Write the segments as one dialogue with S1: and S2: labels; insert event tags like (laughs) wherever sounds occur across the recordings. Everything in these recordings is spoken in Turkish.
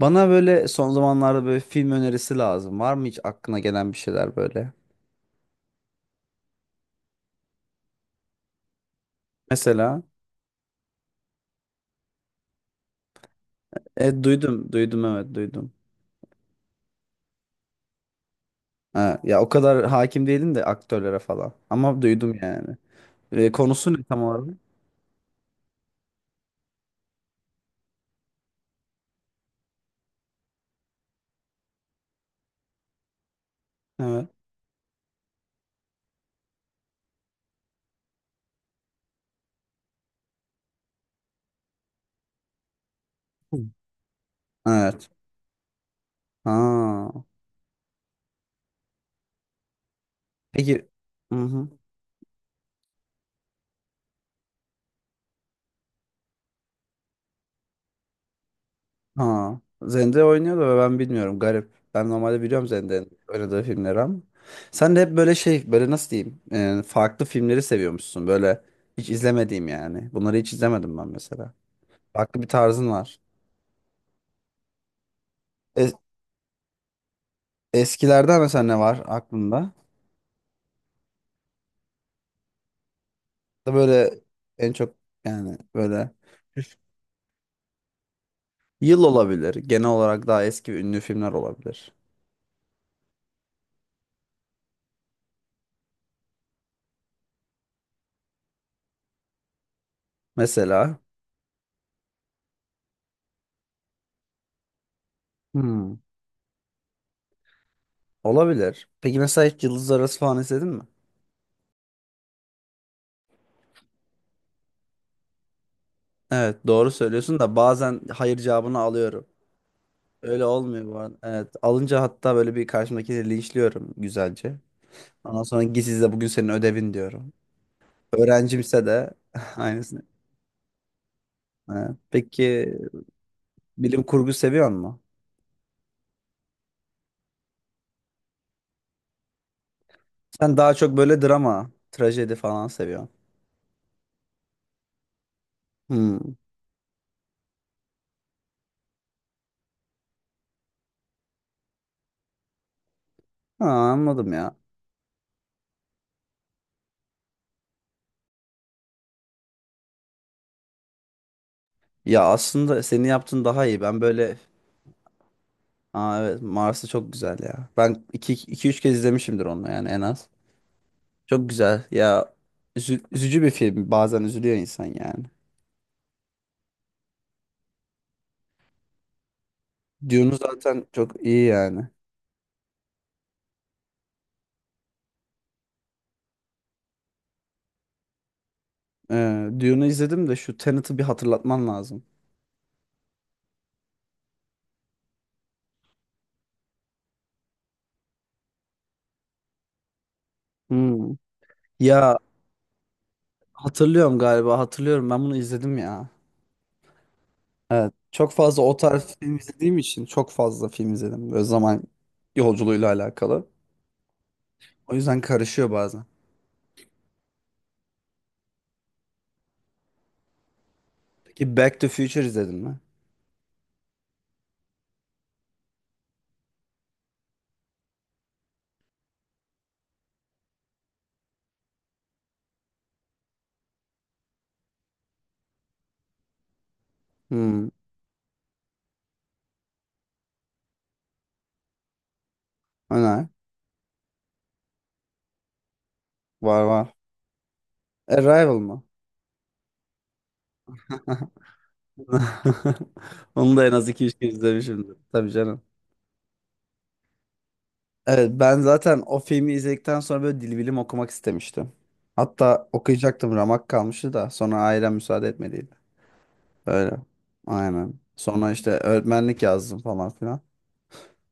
S1: Bana böyle son zamanlarda böyle film önerisi lazım. Var mı hiç aklına gelen bir şeyler böyle? Mesela. Duydum, duydum, evet duydum. Ha, ya o kadar hakim değilim de aktörlere falan. Ama duydum yani. Konusu ne tam olarak? Evet. Hı. Evet. Ha. Peki. Hı-hı. Ha. Zendaya oynuyor da ben bilmiyorum. Garip. Ben normalde biliyorum Zendaya'nın oynadığı filmleri ama. Sen de hep böyle şey, böyle nasıl diyeyim? Farklı filmleri seviyormuşsun. Böyle hiç izlemediğim yani. Bunları hiç izlemedim ben mesela. Farklı bir tarzın var. Es- Eskilerden mesela ne var aklında? Da böyle en çok yani böyle yıl olabilir. Genel olarak daha eski ve ünlü filmler olabilir. Mesela hmm, olabilir. Peki mesela hiç Yıldızlar Arası falan izledin mi? Evet, doğru söylüyorsun da bazen hayır cevabını alıyorum. Öyle olmuyor bu arada. Evet, alınca hatta böyle bir karşımdakini linçliyorum güzelce. Ondan sonra git izle, bugün senin ödevin diyorum. Öğrencimse de (laughs) aynısını. Evet. Peki bilim kurgu seviyor musun? Sen daha çok böyle drama, trajedi falan seviyorsun. Hmm. Ha, anladım ya. Ya aslında senin yaptığın daha iyi. Ben böyle. Aa, evet Mars'ı çok güzel ya. Ben iki, 2 3 kez izlemişimdir onu yani en az. Çok güzel. Ya üzücü bir film. Bazen üzülüyor insan yani. Dune'u zaten çok iyi yani. Dune'u izledim de şu Tenet'i bir hatırlatman lazım. Hmm. Ya hatırlıyorum, galiba hatırlıyorum, ben bunu izledim ya. Evet, çok fazla o tarz film izlediğim için çok fazla film izledim. Böyle zaman yolculuğuyla alakalı. O yüzden karışıyor bazen. Peki Back to Future izledin mi? Hmm, öner. Var var. Arrival mı? (laughs) Onu da en az iki üç kez izlemişimdir. Tabii canım. Evet, ben zaten o filmi izledikten sonra böyle dil bilim okumak istemiştim. Hatta okuyacaktım, ramak kalmıştı da sonra ailem müsaade etmediydi. Öyle. Aynen. Sonra işte öğretmenlik yazdım falan filan.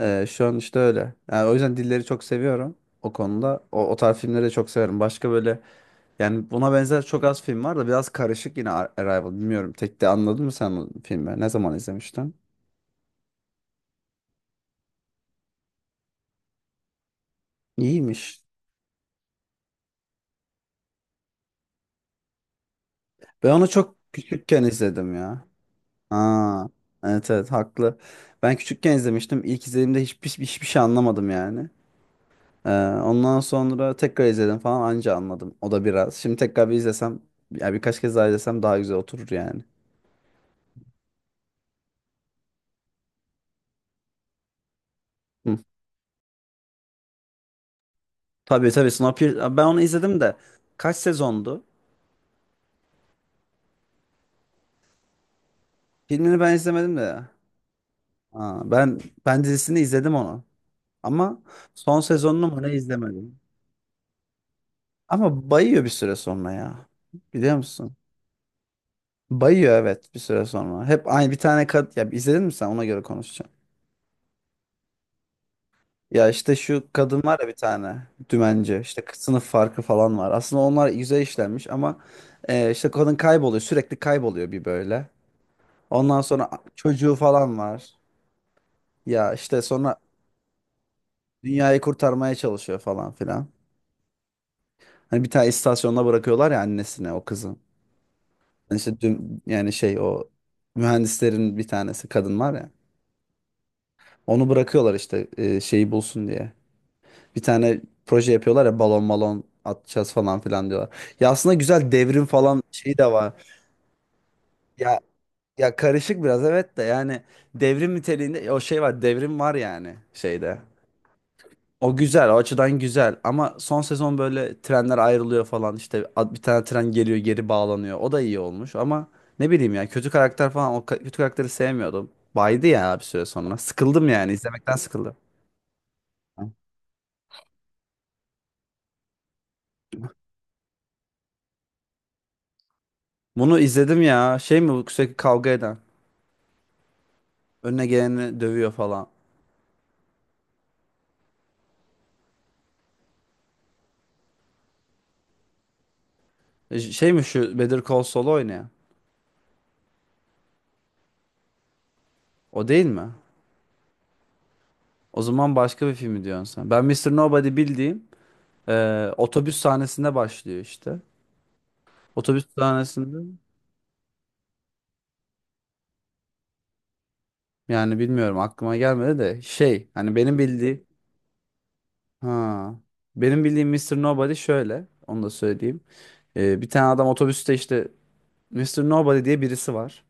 S1: Şu an işte öyle. Yani o yüzden dilleri çok seviyorum o konuda. O tarz filmleri de çok severim. Başka böyle yani buna benzer çok az film var da biraz karışık yine Arrival. Bilmiyorum. Tek de anladın mı sen o filmi? Ne zaman izlemiştin? İyiymiş. Ben onu çok küçükken izledim ya. Aa, evet evet, haklı. Ben küçükken izlemiştim. İlk izlediğimde hiçbir şey anlamadım yani. Ee, Ondan sonra tekrar izledim falan, anca anladım. O da biraz. Şimdi tekrar bir izlesem ya birkaç kez daha izlesem daha güzel oturur yani. Tabii tabii, Snowpiercer. Ben onu izledim de kaç sezondu? Filmini ben izlemedim de ya. Aa, ben dizisini izledim onu. Ama son sezonunu mu ne izlemedim. Ama bayıyor bir süre sonra ya. Biliyor musun? Bayıyor, evet, bir süre sonra. Hep aynı bir tane kad, ya izledin mi sen, ona göre konuşacağım. Ya işte şu kadın var ya, bir tane dümenci, işte sınıf farkı falan var. Aslında onlar güzel işlenmiş ama işte kadın kayboluyor, sürekli kayboluyor bir böyle. Ondan sonra çocuğu falan var. Ya işte sonra dünyayı kurtarmaya çalışıyor falan filan. Hani bir tane istasyonda bırakıyorlar ya annesine o kızı. Yani işte yani şey o mühendislerin bir tanesi kadın var ya. Onu bırakıyorlar işte şeyi bulsun diye. Bir tane proje yapıyorlar ya, balon balon atacağız falan filan diyorlar. Ya aslında güzel, devrim falan şeyi de var. Ya ya, karışık biraz evet de yani devrim niteliğinde o şey var, devrim var yani şeyde. O güzel, o açıdan güzel ama son sezon böyle trenler ayrılıyor falan, işte bir tane tren geliyor geri bağlanıyor. O da iyi olmuş ama ne bileyim ya, kötü karakter falan, o kötü karakteri sevmiyordum. Baydı ya bir süre sonra. Sıkıldım, yani izlemekten sıkıldım. Bunu izledim ya, şey mi bu, sürekli kavga eden önüne geleni dövüyor falan. Şey mi şu Better Call Saul oynayan, o değil mi? O zaman başka bir filmi diyorsun sen. Ben Mister Nobody bildiğim otobüs sahnesinde başlıyor işte. Otobüs sahnesinde. Yani bilmiyorum, aklıma gelmedi de şey hani ha benim bildiğim Mr. Nobody şöyle, onu da söyleyeyim. Bir tane adam otobüste işte Mr. Nobody diye birisi var.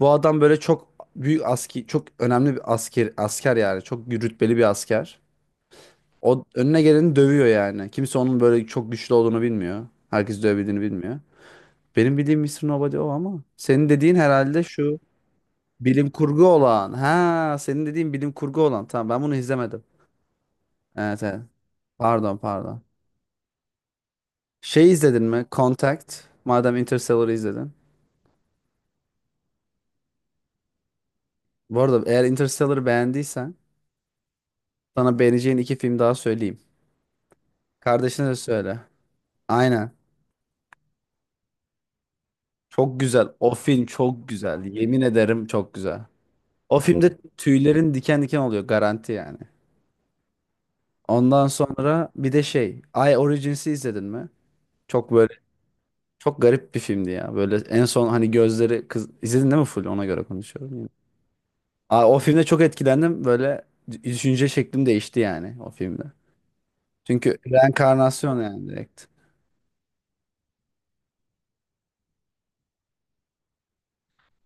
S1: Bu adam böyle çok büyük aski, çok önemli bir asker yani, çok rütbeli bir asker. O önüne geleni dövüyor yani. Kimse onun böyle çok güçlü olduğunu bilmiyor. Herkes dövebildiğini bilmiyor. Benim bildiğim Mr. Nobody o, ama senin dediğin herhalde şu bilim kurgu olan. Ha, senin dediğin bilim kurgu olan. Tamam, ben bunu izlemedim. Evet evet. Pardon pardon. Şey izledin mi? Contact. Madem Interstellar'ı izledin. Bu arada, eğer Interstellar'ı beğendiysen sana beğeneceğin iki film daha söyleyeyim. Kardeşine de söyle. Aynen. Çok güzel. O film çok güzel. Yemin ederim, çok güzel. O filmde tüylerin diken diken oluyor garanti yani. Ondan sonra bir de şey, I Origins'i izledin mi? Çok böyle, çok garip bir filmdi ya. Böyle en son hani gözleri kız, izledin değil mi, full ona göre konuşuyorum. Aa, o filmde çok etkilendim. Böyle düşünce şeklim değişti yani o filmde. Çünkü reenkarnasyon yani, direkt.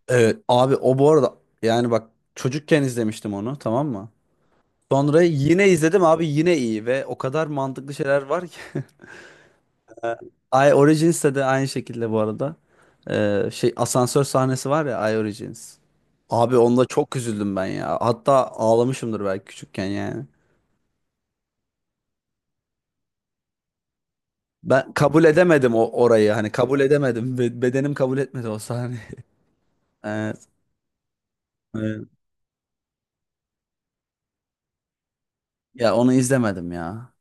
S1: Evet abi, o bu arada, yani bak, çocukken izlemiştim onu, tamam mı? Sonra yine izledim abi, yine iyi, ve o kadar mantıklı şeyler var ki. (laughs) Ee, I Origins'te de aynı şekilde bu arada. Şey asansör sahnesi var ya I Origins. Abi onda çok üzüldüm ben ya. Hatta ağlamışımdır belki küçükken yani. Ben kabul edemedim o orayı, hani kabul edemedim. Bedenim kabul etmedi o sahneyi. (laughs) Evet, evet. Ya onu izlemedim ya.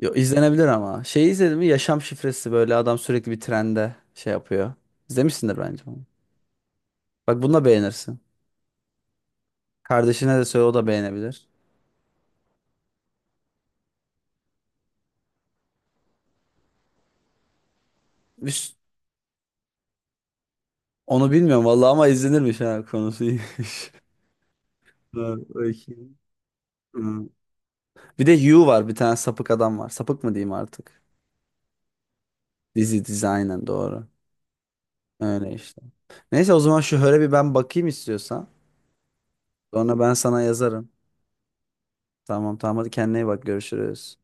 S1: Yo, izlenebilir ama. Şeyi izledin mi? Yaşam şifresi, böyle adam sürekli bir trende şey yapıyor. İzlemişsindir bence onu. Bak bunu da beğenirsin. Kardeşine de söyle, o da beğenebilir. Üst, onu bilmiyorum vallahi ama izlenirmiş, ha, konusu iyiymiş. (laughs) Ha, bakayım. Hı. Bir de You var, bir tane sapık adam var. Sapık mı diyeyim artık? Dizi dizi, aynen, doğru. Öyle işte. Neyse, o zaman şu höre bir ben bakayım istiyorsan. Sonra ben sana yazarım. Tamam tamam, hadi kendine iyi bak, görüşürüz.